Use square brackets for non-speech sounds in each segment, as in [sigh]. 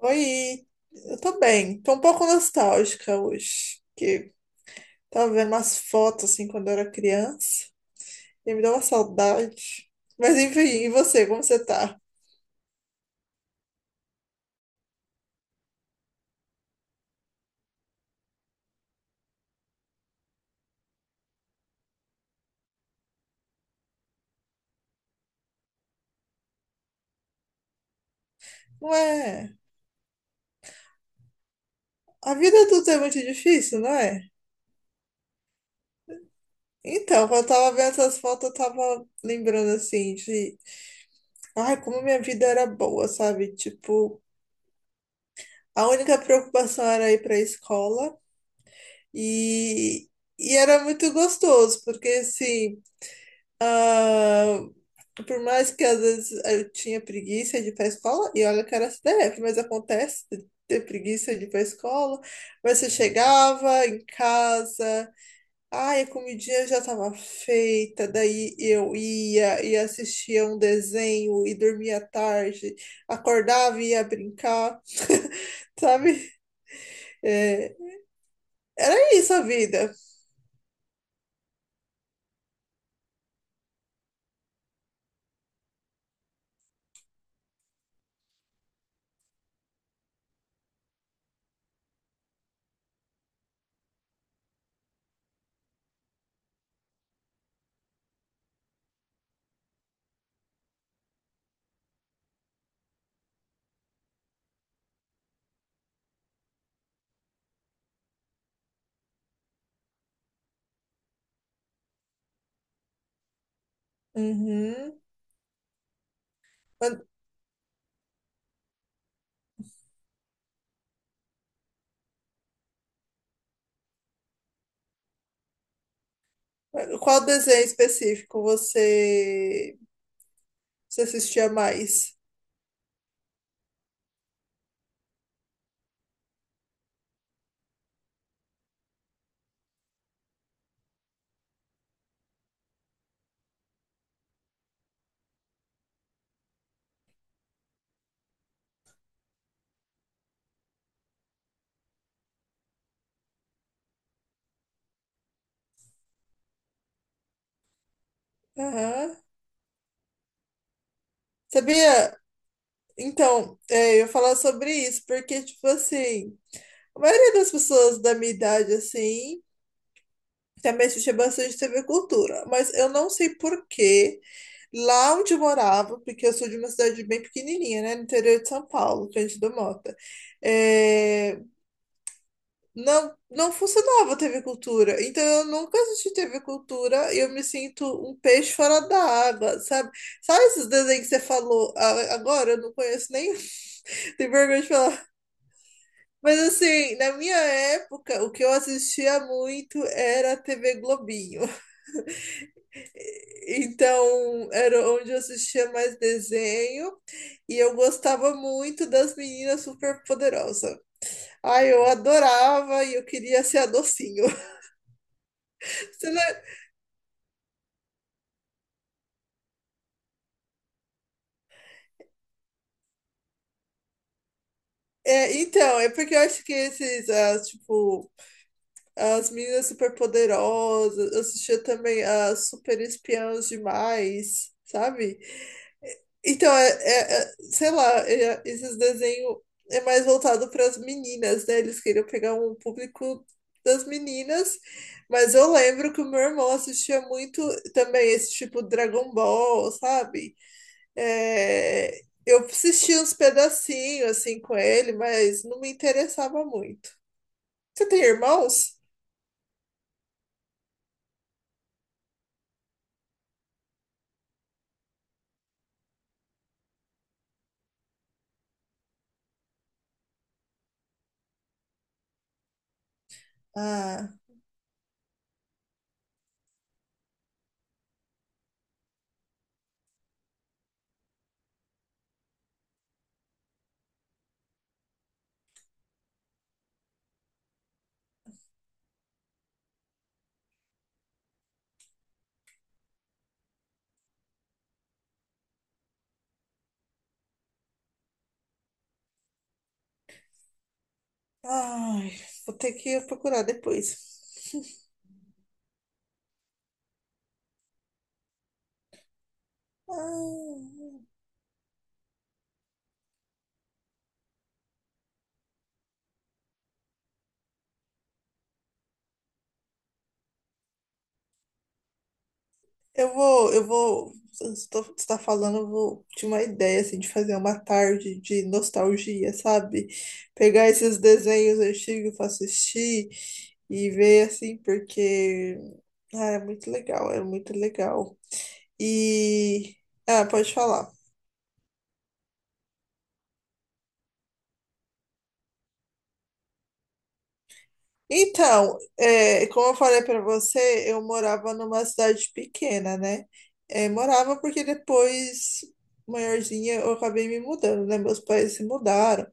Oi, eu tô bem. Tô um pouco nostálgica hoje, que tava vendo umas fotos assim quando eu era criança e me deu uma saudade. Mas enfim, e você, como você tá? Ué, a vida adulta é muito difícil, não é? Então, quando eu tava vendo essas fotos, eu tava lembrando assim de, ai, como minha vida era boa, sabe? Tipo, a única preocupação era ir para a escola e, era muito gostoso, porque assim, ah, por mais que às vezes eu tinha preguiça de ir para a escola, e olha que era CDF, mas acontece de ter preguiça de ir para a escola, mas você chegava em casa, ai, a comidinha já estava feita, daí eu ia e assistia um desenho e dormia tarde, acordava e ia brincar, [laughs] sabe? É, era isso a vida. Uhum. Mas- mas qual desenho específico você, você assistia mais? Aham. Sabia? Então, é, eu ia falar sobre isso, porque, tipo assim, a maioria das pessoas da minha idade, assim, também assistia bastante TV Cultura, mas eu não sei por quê. Lá onde eu morava, porque eu sou de uma cidade bem pequenininha, né, no interior de São Paulo, Cândido Mota. É, não funcionava a TV Cultura. Então eu nunca assisti TV Cultura e eu me sinto um peixe fora da água, sabe? Sabe esses desenhos que você falou agora? Eu não conheço nem, [laughs] tenho vergonha de falar. Mas assim, na minha época, o que eu assistia muito era a TV Globinho. [laughs] Então era onde eu assistia mais desenho e eu gostava muito das meninas super poderosas. Ai, eu adorava e eu queria ser a docinho. [laughs] Você não- é. É, então, é porque eu acho que esses, as, tipo, as meninas superpoderosas, eu assistia também as super espiãs demais, sabe? Então, sei lá, esses desenhos é mais voltado para as meninas, né? Eles queriam pegar um público das meninas, mas eu lembro que o meu irmão assistia muito também esse tipo Dragon Ball, sabe? É, eu assisti uns pedacinhos assim com ele, mas não me interessava muito. Você tem irmãos? Ah, ai, vou ter que procurar depois. [laughs] Ah, eu vou. Você está falando, eu vou de uma ideia assim de fazer uma tarde de nostalgia, sabe? Pegar esses desenhos antigos para assistir e ver assim, porque ah, era muito legal. E. Ah, pode falar. Então, é, como eu falei para você, eu morava numa cidade pequena, né? É, morava porque depois, maiorzinha, eu acabei me mudando, né? Meus pais se mudaram.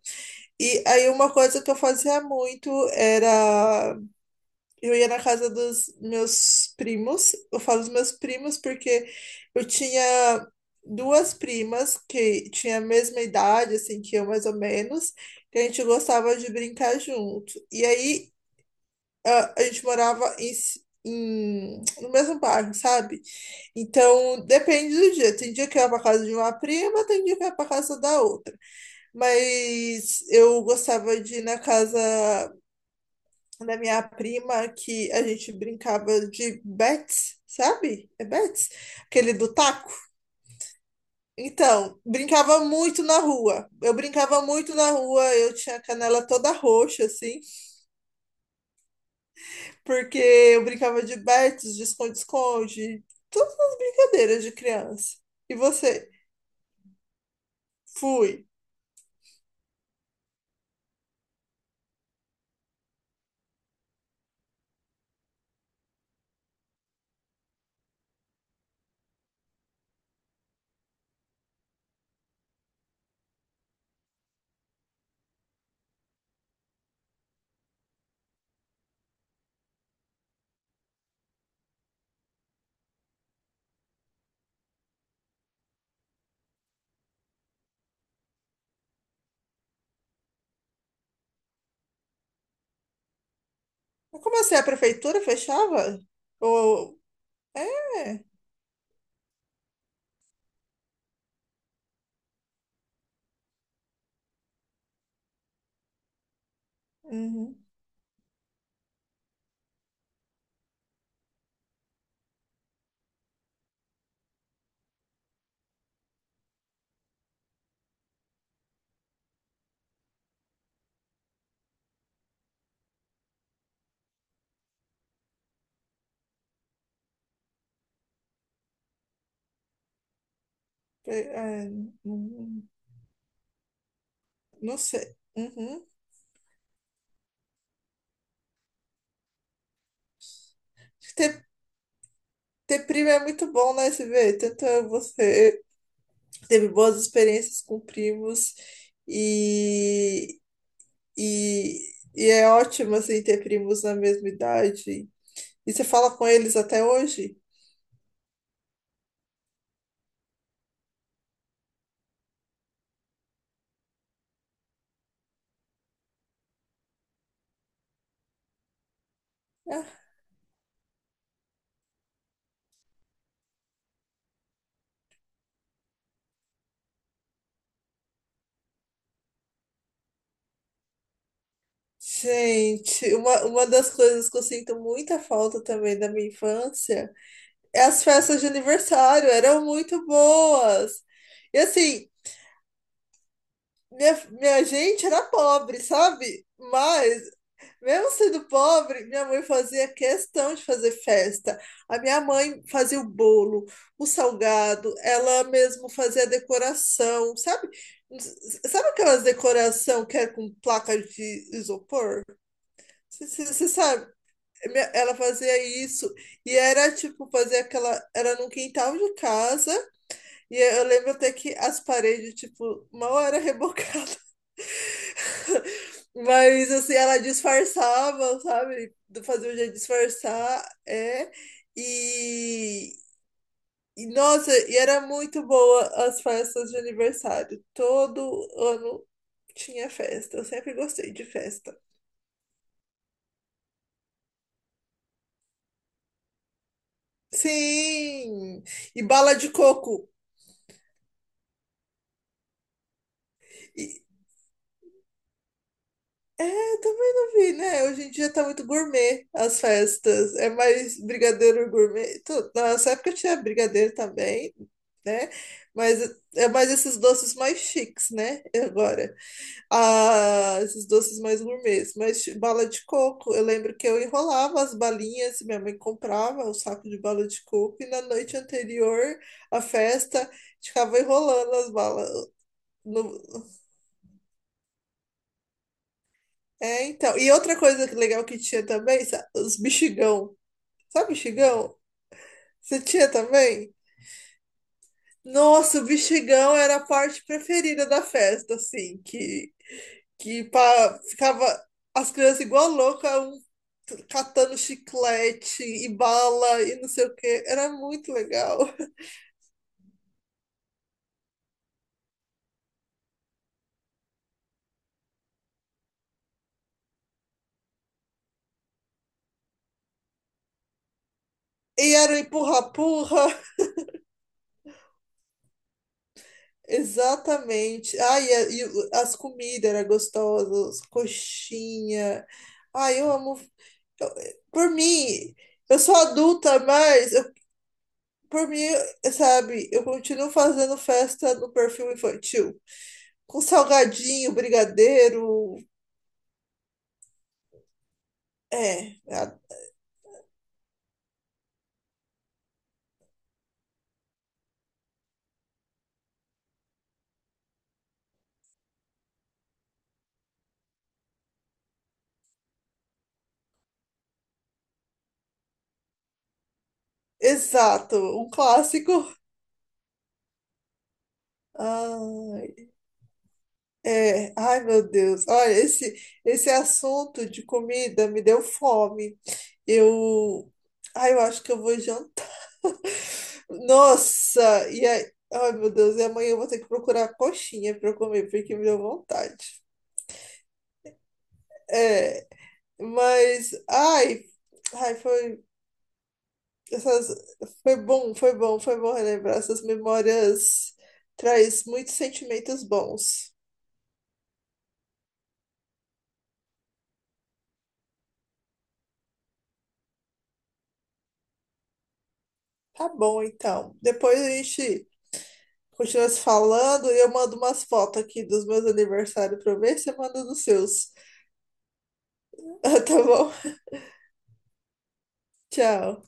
E aí, uma coisa que eu fazia muito era, eu ia na casa dos meus primos. Eu falo dos meus primos porque eu tinha duas primas que tinham a mesma idade, assim, que eu mais ou menos, que a gente gostava de brincar junto. E aí a gente morava em, no mesmo bairro, sabe? Então depende do dia. Tem dia que eu ia pra casa de uma prima, tem dia que eu ia pra casa da outra. Mas eu gostava de ir na casa da minha prima que a gente brincava de bets, sabe? É bets? Aquele do taco. Então, brincava muito na rua. Eu brincava muito na rua, eu tinha a canela toda roxa, assim, porque eu brincava de bets, de esconde-esconde, todas as brincadeiras de criança. E você? Fui. Eu comecei a prefeitura, fechava? Ou. É. Uhum. É, é, uhum. Não sei. Uhum. Ter primo é muito bom, né, CV? Tanto é você teve boas experiências com primos e, e, e é ótimo, assim, ter primos na mesma idade. E você fala com eles até hoje? Ah, gente, uma das coisas que eu sinto muita falta também da minha infância é as festas de aniversário, eram muito boas. E assim, minha gente era pobre, sabe? Mas mesmo sendo pobre, minha mãe fazia questão de fazer festa. A minha mãe fazia o bolo, o salgado, ela mesmo fazia a decoração, sabe? Sabe aquelas decoração que é com placa de isopor? Você sabe? Ela fazia isso e era tipo fazer aquela, era num quintal de casa e eu lembro até que as paredes tipo mal era [laughs] rebocada. [laughs] Mas assim, ela disfarçava, sabe? Fazia um jeito de disfarçar, é. E, e nossa, e era muito boa as festas de aniversário. Todo ano tinha festa. Eu sempre gostei de festa. Sim! E bala de coco. E, é, também não vi, né? Hoje em dia tá muito gourmet as festas. É mais brigadeiro gourmet. Na nossa época tinha brigadeiro também, né? Mas é mais esses doces mais chiques, né? Agora. Ah, esses doces mais gourmets. Mas bala de coco, eu lembro que eu enrolava as balinhas, minha mãe comprava um saco de bala de coco e na noite anterior à festa ficava enrolando as balas. É, então. E outra coisa legal que tinha também, os bexigão. Sabe bexigão? Você tinha também? Nossa, o bexigão era a parte preferida da festa, assim, que ficava as crianças igual louca, catando chiclete e bala e não sei o quê. Era muito legal. E era o empurra-purra. Exatamente. Ai e as comidas eram gostosas, coxinha. Ai, eu amo. Por mim, eu sou adulta, mas eu- por mim, sabe, eu continuo fazendo festa no perfil infantil. Com salgadinho, brigadeiro. É, é, exato, um clássico. Ah, é, ai meu Deus, olha, esse assunto de comida me deu fome. Eu, ai, eu acho que eu vou jantar. [laughs] Nossa, e aí, ai meu Deus, e amanhã eu vou ter que procurar coxinha para comer, porque me deu vontade. É, mas, ai, ai, foi, essas, foi bom, foi bom relembrar essas memórias, traz muitos sentimentos bons. Tá bom, então. Depois a gente continua se falando e eu mando umas fotos aqui dos meus aniversários pra ver se você manda dos seus. [laughs] Tá bom? Tchau.